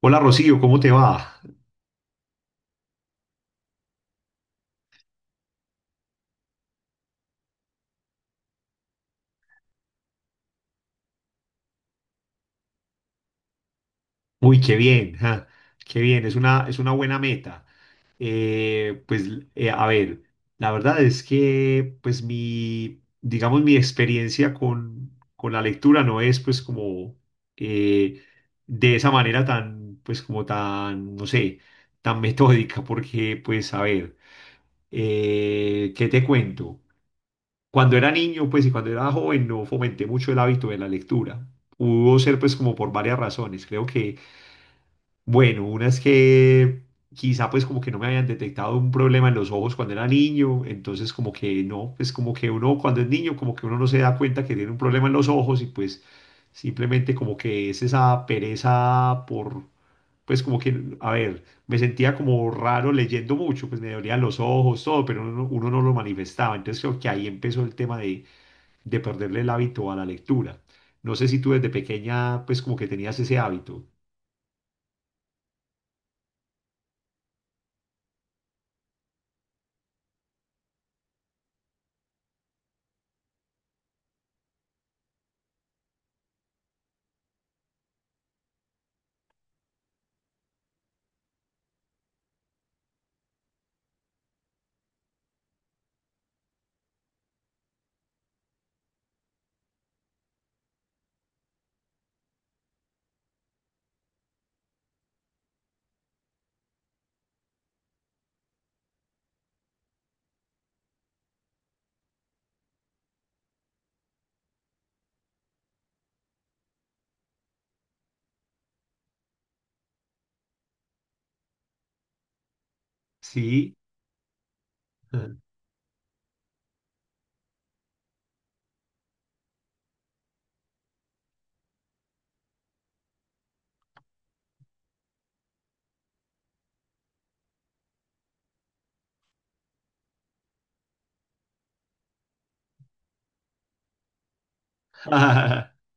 Hola Rocío, ¿cómo te va? Uy, qué bien, ja, qué bien, es una buena meta. Eh, pues, eh, a ver, la verdad es que, pues, mi, digamos, mi experiencia con la lectura no es, pues, como eh, de esa manera tan, pues, como tan, no sé, tan metódica, porque, pues, a ver, ¿qué te cuento? Cuando era niño, pues, y cuando era joven, no fomenté mucho el hábito de la lectura. Pudo ser, pues, como por varias razones. Creo que bueno, una es que quizá pues como que no me habían detectado un problema en los ojos cuando era niño, entonces como que no, pues como que uno cuando es niño como que uno no se da cuenta que tiene un problema en los ojos y pues simplemente como que es esa pereza por, pues como que, a ver, me sentía como raro leyendo mucho, pues me dolían los ojos, todo, pero uno no lo manifestaba, entonces creo que ahí empezó el tema de perderle el hábito a la lectura. No sé si tú desde pequeña pues como que tenías ese hábito. ¿Sí?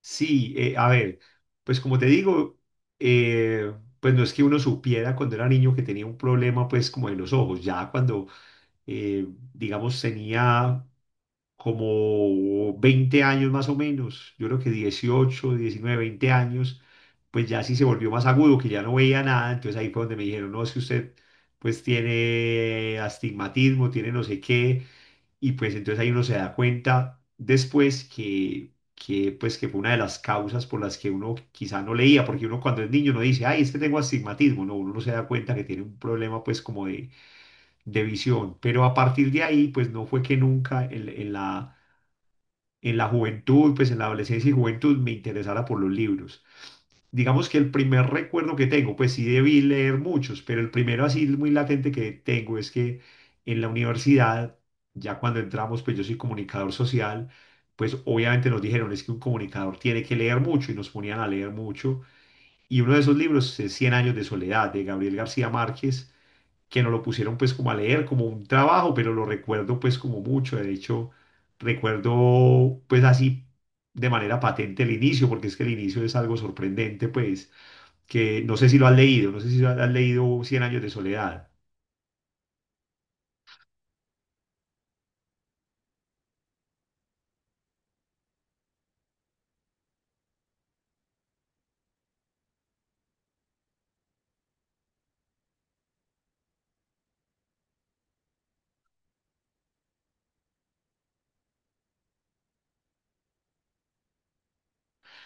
Sí, a ver, pues como te digo, eh, pues no es que uno supiera cuando era niño que tenía un problema pues como de los ojos, ya cuando eh, digamos tenía como 20 años más o menos, yo creo que 18, 19, 20 años, pues ya sí se volvió más agudo, que ya no veía nada, entonces ahí fue donde me dijeron, no, es que usted pues tiene astigmatismo, tiene no sé qué. Y pues entonces ahí uno se da cuenta después pues, que fue una de las causas por las que uno quizá no leía, porque uno cuando es niño no dice, ay, es que tengo astigmatismo, no, uno no se da cuenta que tiene un problema pues como de visión. Pero a partir de ahí, pues no fue que nunca en la juventud, pues en la adolescencia y juventud me interesara por los libros. Digamos que el primer recuerdo que tengo, pues sí debí leer muchos, pero el primero así muy latente que tengo es que en la universidad, ya cuando entramos, pues yo soy comunicador social, pues obviamente nos dijeron es que un comunicador tiene que leer mucho y nos ponían a leer mucho. Y uno de esos libros es 100 años de soledad de Gabriel García Márquez, que nos lo pusieron pues como a leer, como un trabajo, pero lo recuerdo pues como mucho. De hecho, recuerdo pues así de manera patente el inicio, porque es que el inicio es algo sorprendente pues, que no sé si lo has leído, no sé si has leído 100 años de soledad.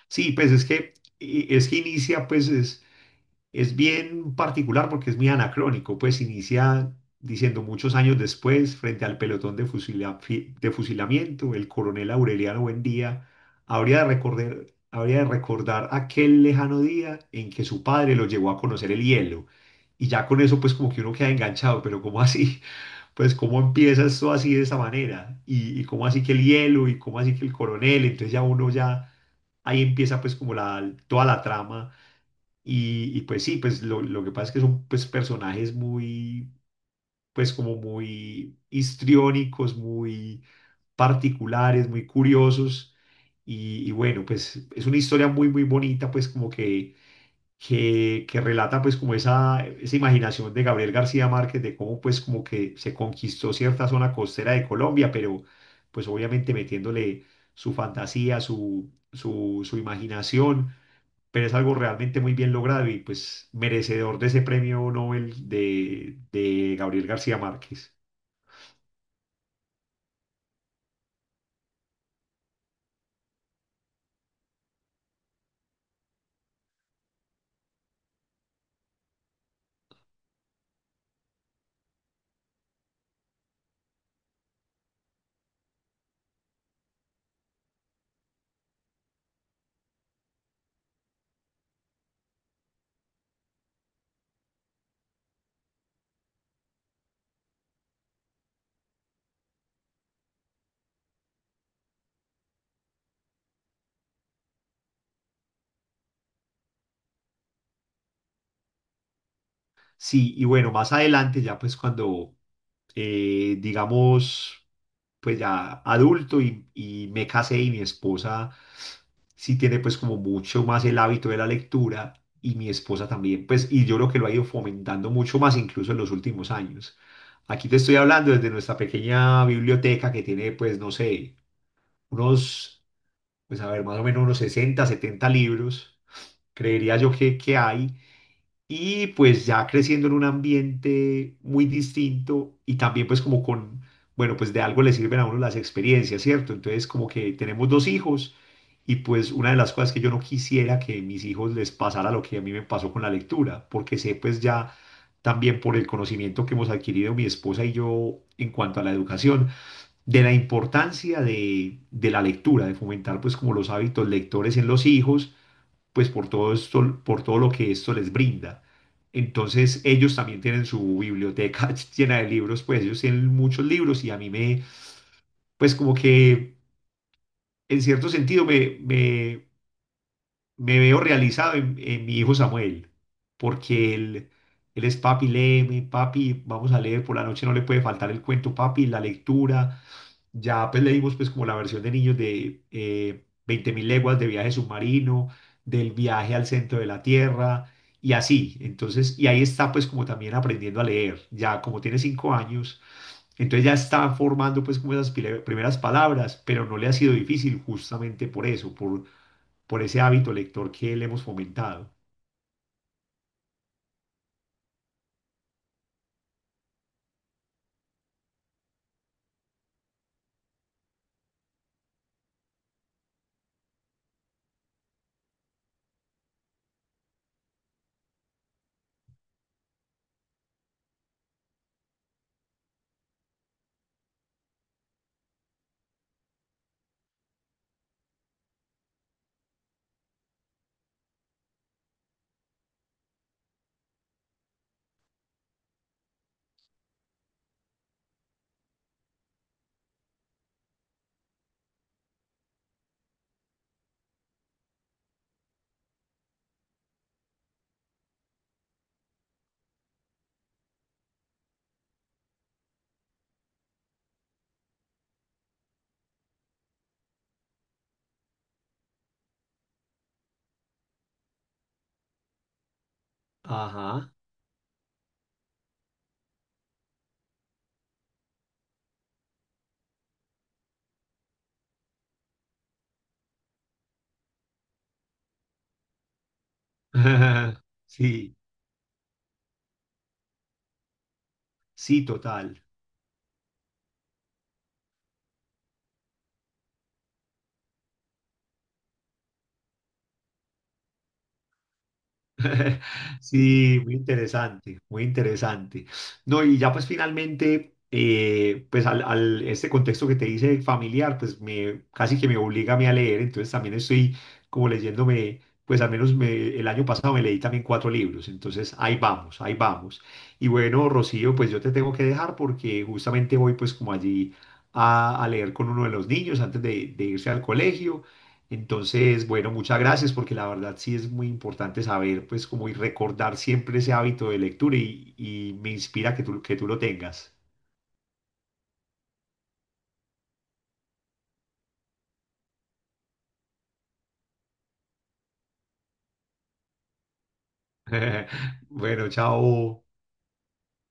Sí, pues es que, es que inicia pues es bien particular porque es muy anacrónico, pues inicia diciendo muchos años después, frente al pelotón de, de fusilamiento, el coronel Aureliano Buendía habría de recordar aquel lejano día en que su padre lo llevó a conocer el hielo. Y ya con eso, pues como que uno queda enganchado, pero ¿cómo así? Pues, ¿cómo empieza esto así de esa manera? Y, ¿y cómo así que el hielo? ¿Y cómo así que el coronel? Entonces ya uno ya, ahí empieza pues como la, toda la trama y pues sí, pues lo que pasa es que son pues personajes muy, pues como muy histriónicos, muy particulares, muy curiosos. Y bueno, pues es una historia muy, muy bonita, pues como que, que relata pues como esa imaginación de Gabriel García Márquez de cómo pues como que se conquistó cierta zona costera de Colombia, pero pues obviamente metiéndole su fantasía, su imaginación, pero es algo realmente muy bien logrado y pues merecedor de ese premio Nobel de Gabriel García Márquez. Sí, y bueno, más adelante ya pues cuando, digamos, pues ya adulto y me casé y mi esposa sí tiene pues como mucho más el hábito de la lectura y mi esposa también, pues, y yo creo que lo ha ido fomentando mucho más incluso en los últimos años. Aquí te estoy hablando desde nuestra pequeña biblioteca que tiene pues, no sé, unos pues a ver, más o menos unos 60, 70 libros, creería yo que hay, y pues ya creciendo en un ambiente muy distinto y también pues como con, bueno, pues de algo le sirven a uno las experiencias, ¿cierto? Entonces como que tenemos dos hijos y pues una de las cosas que yo no quisiera que a mis hijos les pasara lo que a mí me pasó con la lectura, porque sé pues ya también por el conocimiento que hemos adquirido mi esposa y yo en cuanto a la educación, de la importancia de la lectura, de fomentar pues como los hábitos lectores en los hijos, pues por todo esto, por todo lo que esto les brinda. Entonces ellos también tienen su biblioteca llena de libros, pues ellos tienen muchos libros y a mí me, pues como que en cierto sentido me veo realizado en mi hijo Samuel, porque él es papi, léeme, papi, vamos a leer por la noche, no le puede faltar el cuento, papi, la lectura. Ya pues leímos pues como la versión de niños de 20.000 leguas de viaje submarino, del viaje al centro de la Tierra y así. Entonces, y ahí está pues como también aprendiendo a leer. Ya como tiene 5 años, entonces ya está formando pues como esas primeras palabras, pero no le ha sido difícil justamente por eso, por ese hábito lector que le hemos fomentado. Ajá. Sí, sí, total. Sí, muy interesante, muy interesante. No, y ya pues finalmente, pues este contexto que te dice familiar, pues me casi que me obliga a mí a leer, entonces también estoy como leyéndome, pues al menos el año pasado me leí también 4 libros, entonces ahí vamos, ahí vamos. Y bueno, Rocío, pues yo te tengo que dejar porque justamente voy pues como allí a leer con uno de los niños antes de irse al colegio. Entonces, bueno, muchas gracias porque la verdad sí es muy importante saber, pues, como y recordar siempre ese hábito de lectura y me inspira que tú lo tengas. Bueno, chao.